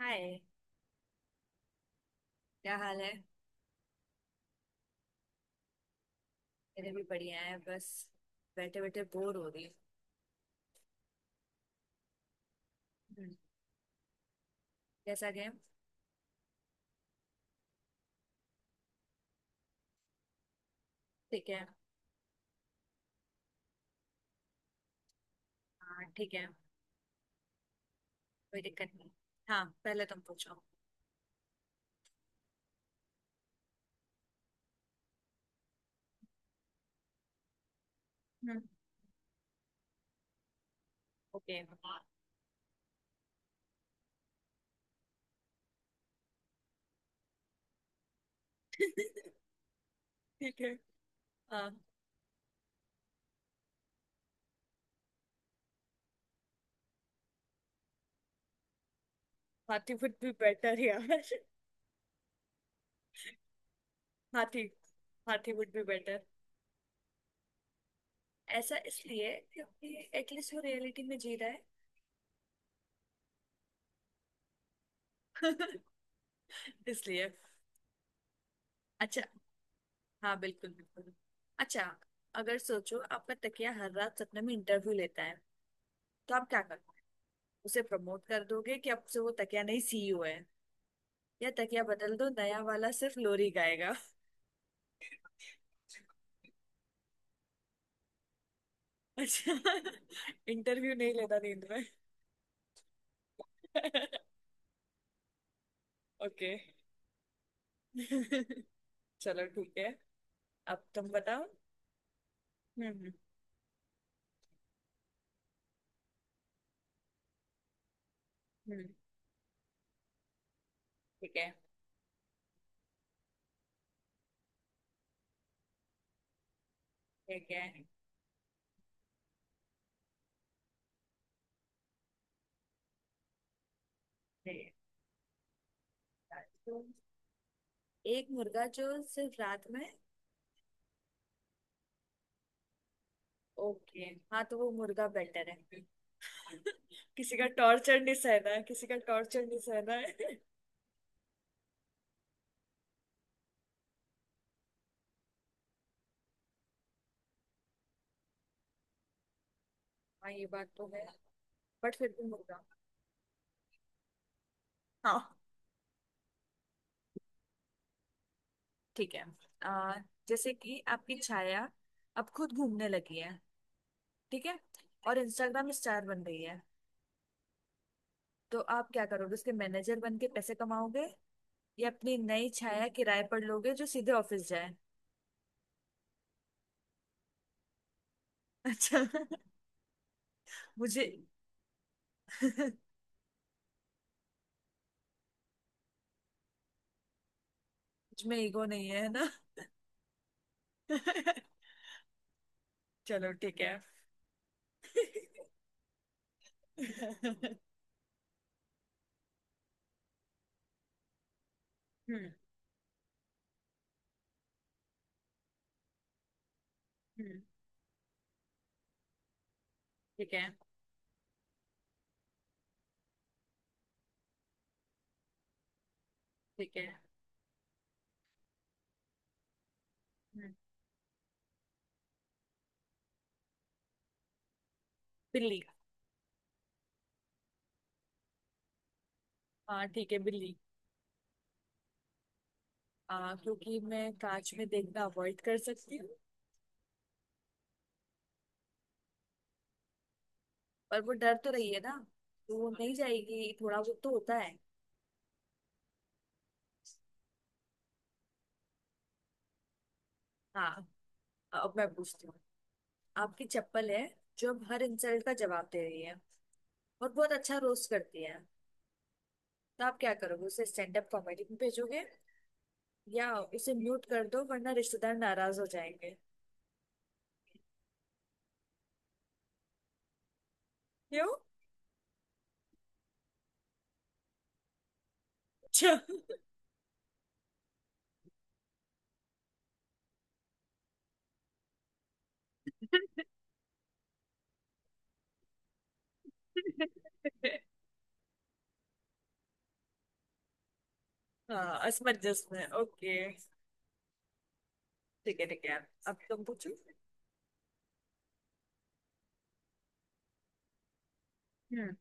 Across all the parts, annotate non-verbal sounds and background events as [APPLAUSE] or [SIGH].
हाय, क्या हाल है। मेरे भी बढ़िया है, बस बैठे बैठे बोर हो रही हूँ। जैसा गेम। ठीक है। हाँ ठीक है, कोई दिक्कत नहीं। हाँ, पहले तुम पूछो। हम्म, ओके। ठीक है। हाँ। हाथी वुड बी बेटर यार। हाथी। हाथी वुड बी बेटर। ऐसा इसलिए क्योंकि एटलीस्ट वो रियलिटी में जी रहा है। [LAUGHS] इसलिए। अच्छा। हाँ बिल्कुल बिल्कुल। अच्छा, अगर सोचो आपका तकिया हर रात सपने में इंटरव्यू लेता है, तो आप क्या करोगे। उसे प्रमोट कर दोगे कि अब से वो तकिया नहीं सीईओ है, या तकिया बदल दो नया वाला सिर्फ लोरी गाएगा। [LAUGHS] अच्छा, इंटरव्यू नहीं लेता नींद में। [LAUGHS] ओके, चलो ठीक है। अब तुम बताओ। हम्म हम्म हम्म, ठीक है। ठीक है। ठीक है। तो एक मुर्गा जो सिर्फ रात में। ओके, हाँ तो वो मुर्गा बेटर है। किसी का टॉर्चर नहीं सहना है, किसी का टॉर्चर नहीं सहना है। हाँ ये बात तो है, बट फिर भी होगा। हाँ ठीक है। आ, जैसे कि आपकी छाया अब खुद घूमने लगी है, ठीक है, और इंस्टाग्राम स्टार बन रही है। तो आप क्या करोगे, उसके मैनेजर बन के पैसे कमाओगे, या अपनी नई छाया किराए पर लोगे जो सीधे ऑफिस जाए। अच्छा। [LAUGHS] मुझे [LAUGHS] मुझ में ईगो नहीं है, है ना। [LAUGHS] चलो ठीक है। [LAUGHS] हम्म हम्म। ठीक है। ठीक है। हम्म, बिल्ली का। हाँ ठीक है, बिल्ली। क्योंकि मैं कांच में देखना अवॉइड कर सकती हूँ। पर वो डर तो रही है ना, तो वो नहीं जाएगी, थोड़ा बहुत तो होता है। हाँ, अब मैं पूछती हूँ। आपकी चप्पल है जो अब हर इंसल्ट का जवाब दे रही है और बहुत अच्छा रोस्ट करती है। तो आप क्या करोगे, उसे स्टैंड अप कॉमेडी में भेजोगे, या उसे म्यूट कर दो वरना रिश्तेदार नाराज हो जाएंगे। क्यों। अच्छा। [LAUGHS] हाँ, असमंजस में, ओके। ठीक है ठीक है, अब तुम पूछो। हम्म।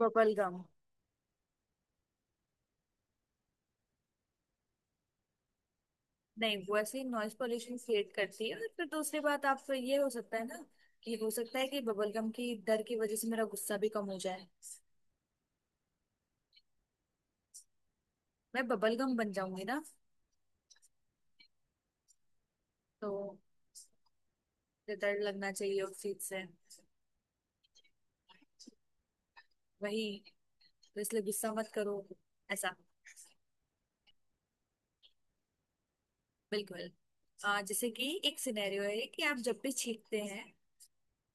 Bubble gum. नहीं, वो ऐसे ही नॉइज पॉल्यूशन क्रिएट करती है। और फिर दूसरी बात, आप तो ये हो सकता है ना, कि हो सकता है कि बबल गम की डर की वजह से मेरा गुस्सा भी कम हो जाए। मैं बबल गम बन जाऊंगी ना, तो मुझे डर लगना चाहिए उस चीज से। वही तो, इसलिए गुस्सा मत करो ऐसा। बिल्कुल। जैसे कि एक सिनेरियो है कि आप जब भी छींकते हैं,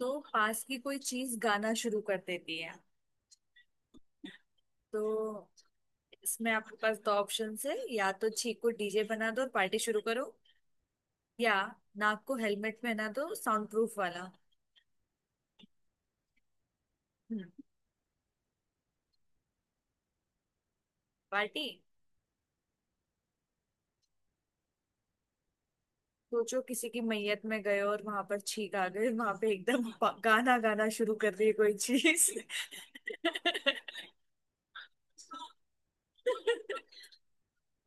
तो पास की कोई चीज गाना शुरू कर देती है। तो इसमें आपके पास दो ऑप्शन है, या तो छींको डीजे बना दो और पार्टी शुरू करो, या नाक को हेलमेट में ना दो साउंड प्रूफ वाला। हम्म, पार्टी। सोचो किसी की मैयत में गए और वहां पर छींक आ गई, वहां पे एकदम गाना गाना शुरू कर दिए कोई चीज।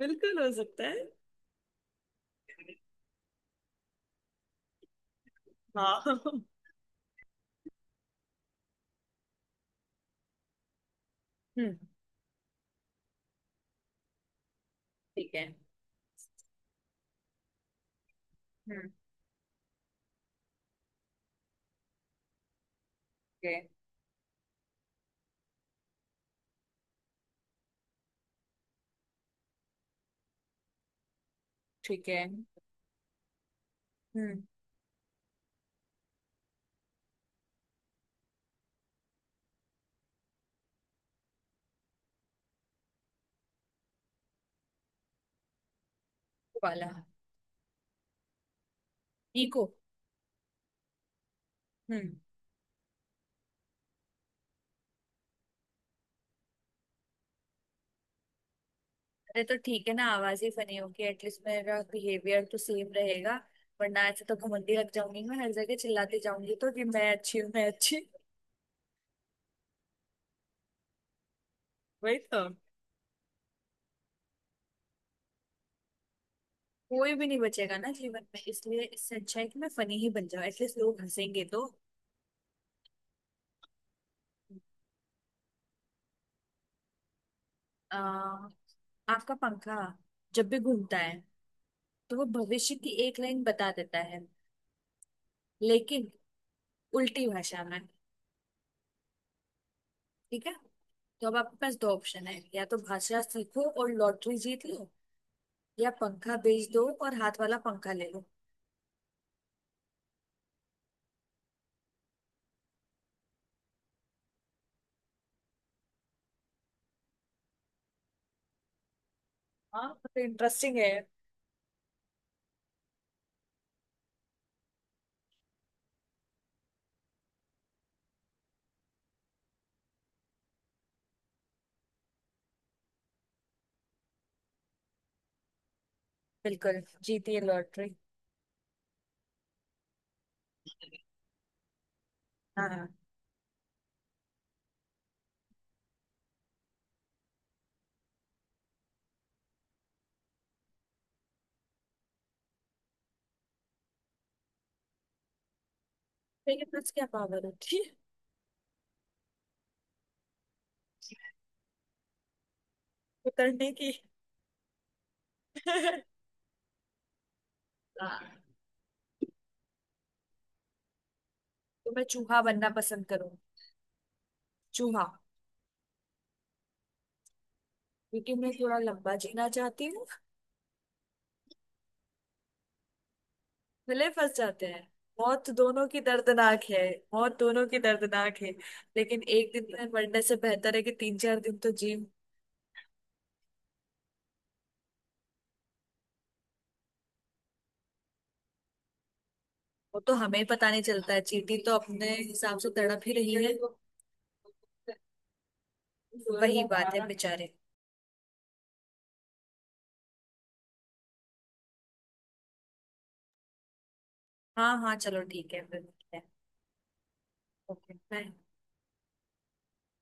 बिल्कुल हो सकता है। हाँ हम्म। ठीक है। हम्म। ठीक है। ठीक है। हम्म वाला। इको। हम्म। अरे तो ठीक है ना, आवाज ही फनी होगी, एटलीस्ट मेरा बिहेवियर तो सेम रहेगा। वरना ऐसे तो घमंडी लग जाऊंगी, मैं हर जगह चिल्लाती जाऊंगी तो कि मैं अच्छी हूँ, मैं अच्छी हूँ। वही तो। कोई भी नहीं बचेगा ना जीवन में, इसलिए इससे अच्छा है कि मैं फनी ही बन जाऊं, एटलीस्ट लोग हंसेंगे तो। आ, आपका पंखा जब भी घूमता है, तो वो भविष्य की एक लाइन बता देता है, लेकिन उल्टी भाषा में। ठीक है, तो अब आपके पास दो ऑप्शन है, या तो भाषा सीखो और लॉटरी जीत लो, या पंखा बेच दो और हाथ वाला पंखा ले लो। हाँ तो इंटरेस्टिंग है। बिल्कुल, जीती है लॉटरी। हाँ हाँ। मेरे पास क्या पावर होती है, उतरने की। [LAUGHS] हाँ, तो मैं चूहा बनना पसंद करूँ। चूहा। क्योंकि मैं थोड़ा लंबा जीना चाहती हूँ। गले फंस जाते हैं। मौत दोनों की दर्दनाक है। मौत दोनों की दर्दनाक है, लेकिन एक दिन में मरने से बेहतर है कि तीन चार दिन तो जी। वो तो हमें पता नहीं चलता है, चींटी तो अपने हिसाब से तड़प ही रही है। वही बात है, बेचारे। हाँ हाँ चलो ठीक है, फिर मिलते हैं। Okay bye.